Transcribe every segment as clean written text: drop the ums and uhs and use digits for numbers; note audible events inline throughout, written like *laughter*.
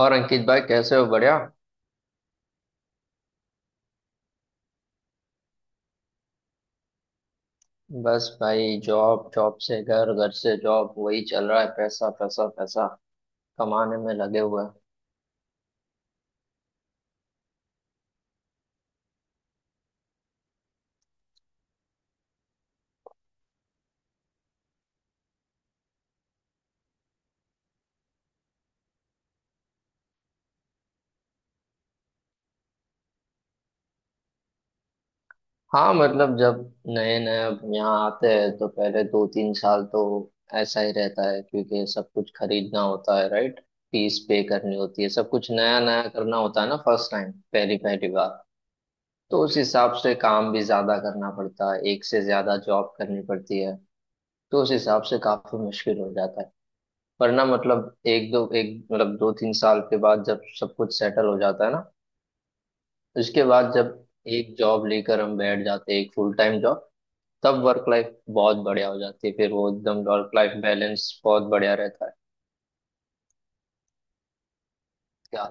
और अंकित भाई, कैसे हो? बढ़िया। बस भाई, जॉब जॉब से घर, घर से जॉब वही चल रहा है। पैसा पैसा पैसा कमाने में लगे हुए हैं। हाँ, मतलब जब नए नए अब यहाँ आते हैं तो पहले 2 3 साल तो ऐसा ही रहता है, क्योंकि सब कुछ खरीदना होता है, राइट। फीस पे करनी होती है, सब कुछ नया नया करना होता है ना, फर्स्ट टाइम, पहली पहली बार। तो उस हिसाब से काम भी ज्यादा करना पड़ता है, एक से ज्यादा जॉब करनी पड़ती है। तो उस हिसाब से काफी मुश्किल हो जाता है। वरना मतलब एक दो एक मतलब 2 3 साल के बाद जब सब कुछ सेटल हो जाता है ना, उसके बाद जब एक जॉब लेकर हम बैठ जाते हैं, एक फुल टाइम जॉब, तब वर्क लाइफ बहुत बढ़िया हो जाती है। फिर वो एकदम वर्क लाइफ बैलेंस बहुत बढ़िया रहता है। क्या।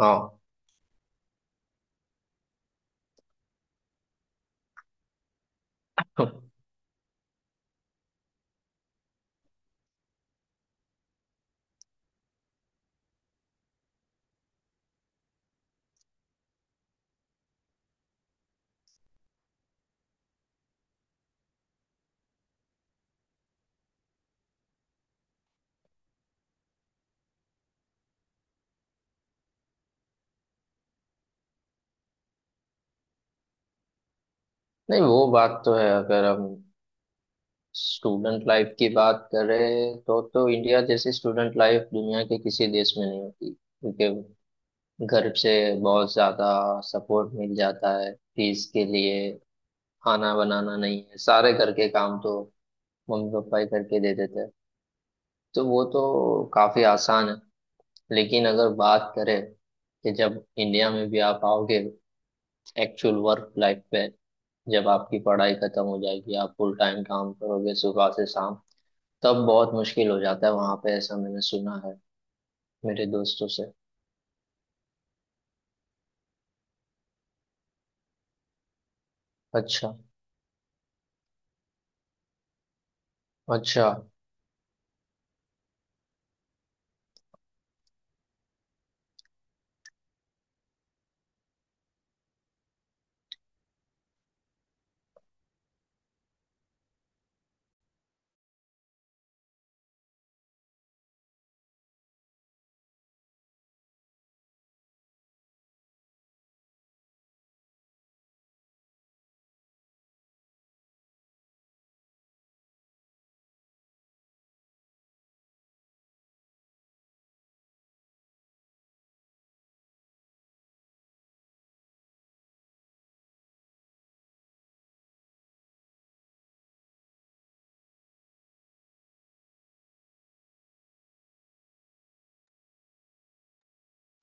हाँ। *laughs* नहीं, वो बात तो है। अगर हम स्टूडेंट लाइफ की बात करें तो इंडिया जैसी स्टूडेंट लाइफ दुनिया के किसी देश में नहीं होती, क्योंकि घर से बहुत ज्यादा सपोर्ट मिल जाता है फीस के लिए। खाना बनाना नहीं है, सारे घर के काम तो मम्मी पापा ही करके दे देते हैं। तो वो तो काफी आसान है। लेकिन अगर बात करें कि जब इंडिया में भी आप आओगे एक्चुअल वर्क लाइफ पे, जब आपकी पढ़ाई खत्म हो जाएगी, आप फुल टाइम काम करोगे सुबह से शाम, तब बहुत मुश्किल हो जाता है वहां पे, ऐसा मैंने सुना है मेरे दोस्तों से। अच्छा। अच्छा।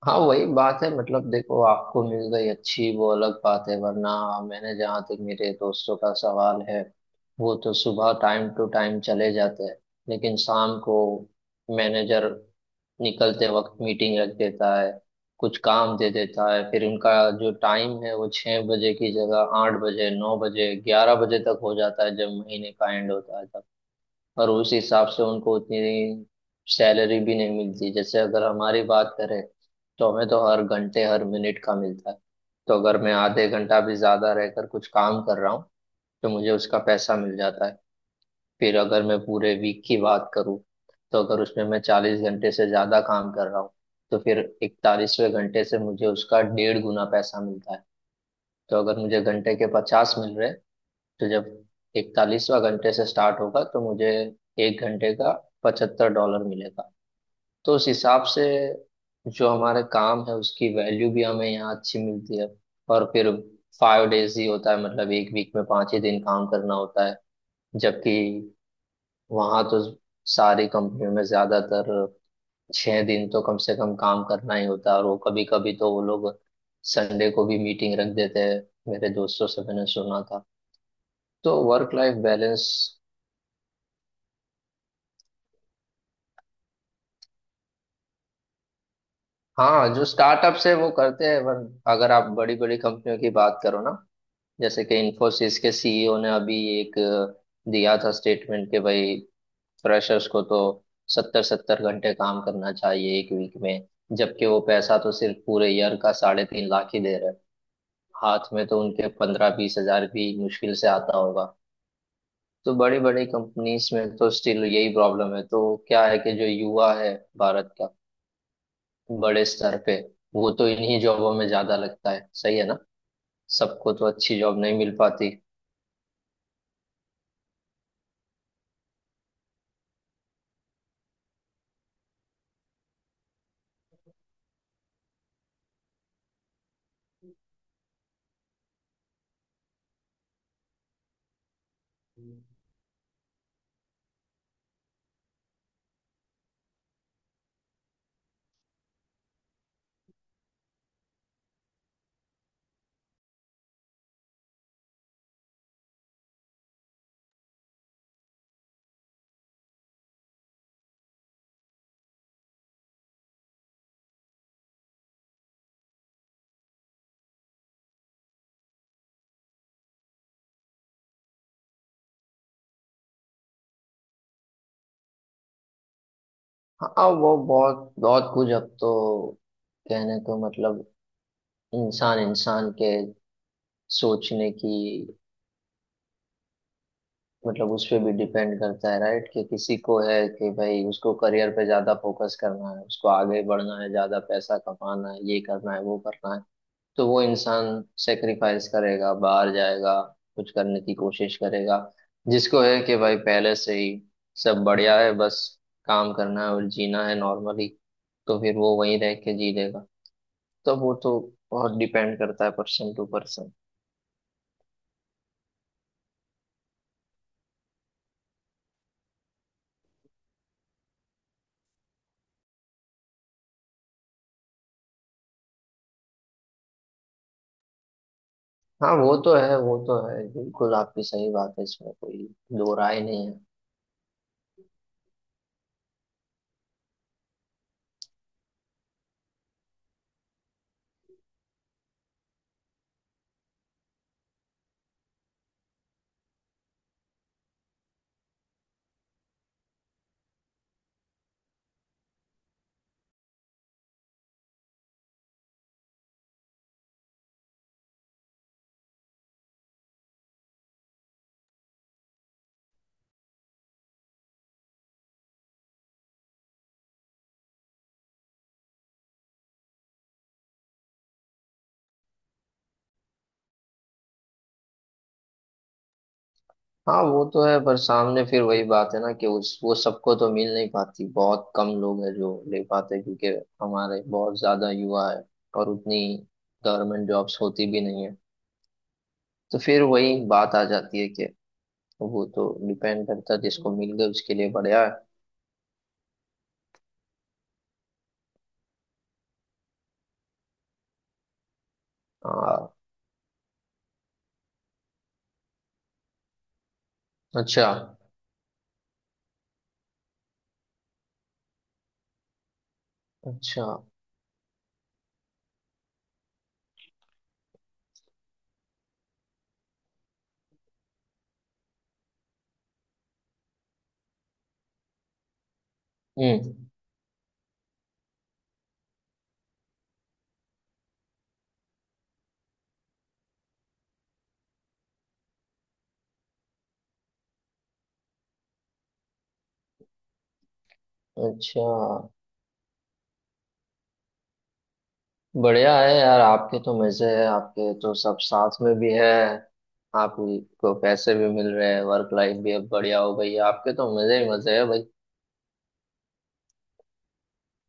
हाँ, वही बात है। मतलब देखो, आपको मिल गई अच्छी, वो अलग बात है, वरना मैंने, जहाँ तक मेरे दोस्तों का सवाल है, वो तो सुबह टाइम टू टाइम चले जाते हैं, लेकिन शाम को मैनेजर निकलते वक्त मीटिंग रख देता है, कुछ काम दे देता है, फिर उनका जो टाइम है वो 6 बजे की जगह 8 बजे, 9 बजे, 11 बजे तक हो जाता है, जब महीने का एंड होता है तब। और उस हिसाब से उनको उतनी सैलरी भी नहीं मिलती। जैसे अगर हमारी बात करें तो हमें तो हर घंटे हर मिनट का मिलता है। तो अगर मैं आधे घंटा भी ज्यादा रहकर कुछ काम कर रहा हूँ तो मुझे उसका पैसा मिल जाता है। फिर अगर मैं पूरे वीक की बात करूँ, तो अगर उसमें मैं 40 घंटे से ज्यादा काम कर रहा हूँ तो फिर 41वें घंटे से मुझे उसका 1.5 गुना पैसा मिलता है। तो अगर मुझे घंटे के 50 मिल रहे, तो जब 41वां घंटे से स्टार्ट होगा तो मुझे एक घंटे का $75 मिलेगा। तो उस हिसाब से जो हमारे काम है उसकी वैल्यू भी हमें यहाँ अच्छी मिलती है। और फिर फाइव डेज ही होता है, मतलब एक वीक में 5 ही दिन काम करना होता है। जबकि वहाँ तो सारी कंपनियों में ज्यादातर 6 दिन तो कम से कम काम करना ही होता है, और वो कभी कभी तो वो लोग संडे को भी मीटिंग रख देते हैं, मेरे दोस्तों से मैंने सुना था। तो वर्क लाइफ बैलेंस। हाँ, जो स्टार्टअप्स है वो करते हैं, पर अगर आप बड़ी बड़ी कंपनियों की बात करो ना, जैसे कि इंफोसिस के सीईओ ने अभी एक दिया था स्टेटमेंट, कि भाई फ्रेशर्स को तो 70 70 घंटे काम करना चाहिए एक वीक में। जबकि वो पैसा तो सिर्फ पूरे ईयर का 3.5 लाख ही दे रहे हैं। हाथ में तो उनके 15 20 हजार भी मुश्किल से आता होगा। तो बड़ी बड़ी कंपनीज में तो स्टिल यही प्रॉब्लम है। तो क्या है कि जो युवा है भारत का, बड़े स्तर पे, वो तो इन्हीं जॉबों में ज्यादा लगता है, सही है ना? सबको तो अच्छी जॉब नहीं मिल पाती। हाँ, वो बहुत बहुत कुछ अब तो कहने को, मतलब इंसान इंसान के सोचने की, मतलब उस पे भी डिपेंड करता है, राइट, कि किसी को है कि भाई उसको करियर पे ज्यादा फोकस करना है, उसको आगे बढ़ना है, ज्यादा पैसा कमाना है, ये करना है, वो करना है, तो वो इंसान सेक्रीफाइस करेगा, बाहर जाएगा, कुछ करने की कोशिश करेगा। जिसको है कि भाई पहले से ही सब बढ़िया है, बस काम करना है और जीना है नॉर्मली, तो फिर वो वहीं रह के जी लेगा। तो वो तो बहुत डिपेंड करता है पर्सन टू पर्सन। हाँ, वो तो है, वो तो है, बिल्कुल आपकी सही बात है, इसमें कोई दो राय नहीं है। हाँ, वो तो है, पर सामने फिर वही बात है ना, कि उस वो सबको तो मिल नहीं पाती, बहुत कम लोग हैं जो ले पाते, क्योंकि हमारे बहुत ज्यादा युवा है और उतनी गवर्नमेंट जॉब्स होती भी नहीं है। तो फिर वही बात आ जाती है कि वो तो डिपेंड करता है, जिसको मिल गया उसके लिए बढ़िया है। हाँ। अच्छा। अच्छा। हम्म। अच्छा। बढ़िया है यार, आपके तो मजे है, आपके तो सब साथ में भी है, आपको पैसे भी मिल रहे हैं, वर्क लाइफ भी अब बढ़िया हो गई है, आपके तो मजे ही मजे है भाई।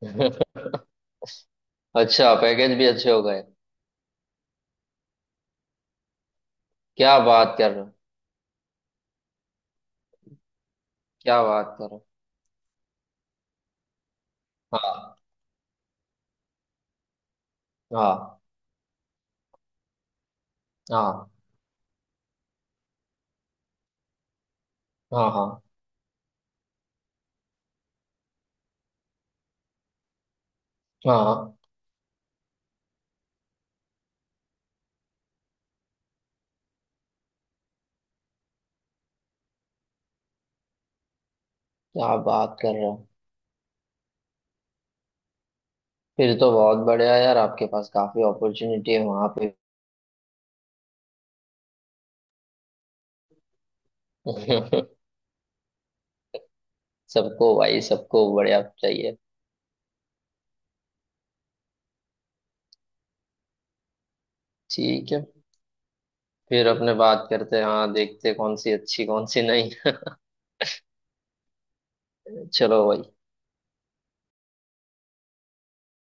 *laughs* अच्छा, पैकेज भी अच्छे हो गए। क्या बात कर रहे हो। क्या बात कर रहे हो। हाँ, हाँ। हाँ, हाँ। हाँ, हाँ, हाँ। क्या बात कर रहे हो? फिर तो बहुत बढ़िया है यार, आपके पास काफी अपॉर्चुनिटी है वहां पे। *laughs* सबको भाई, सबको बढ़िया चाहिए। ठीक है। फिर अपने बात करते हैं, हाँ, देखते हैं कौन सी अच्छी कौन सी नहीं। *laughs* चलो भाई।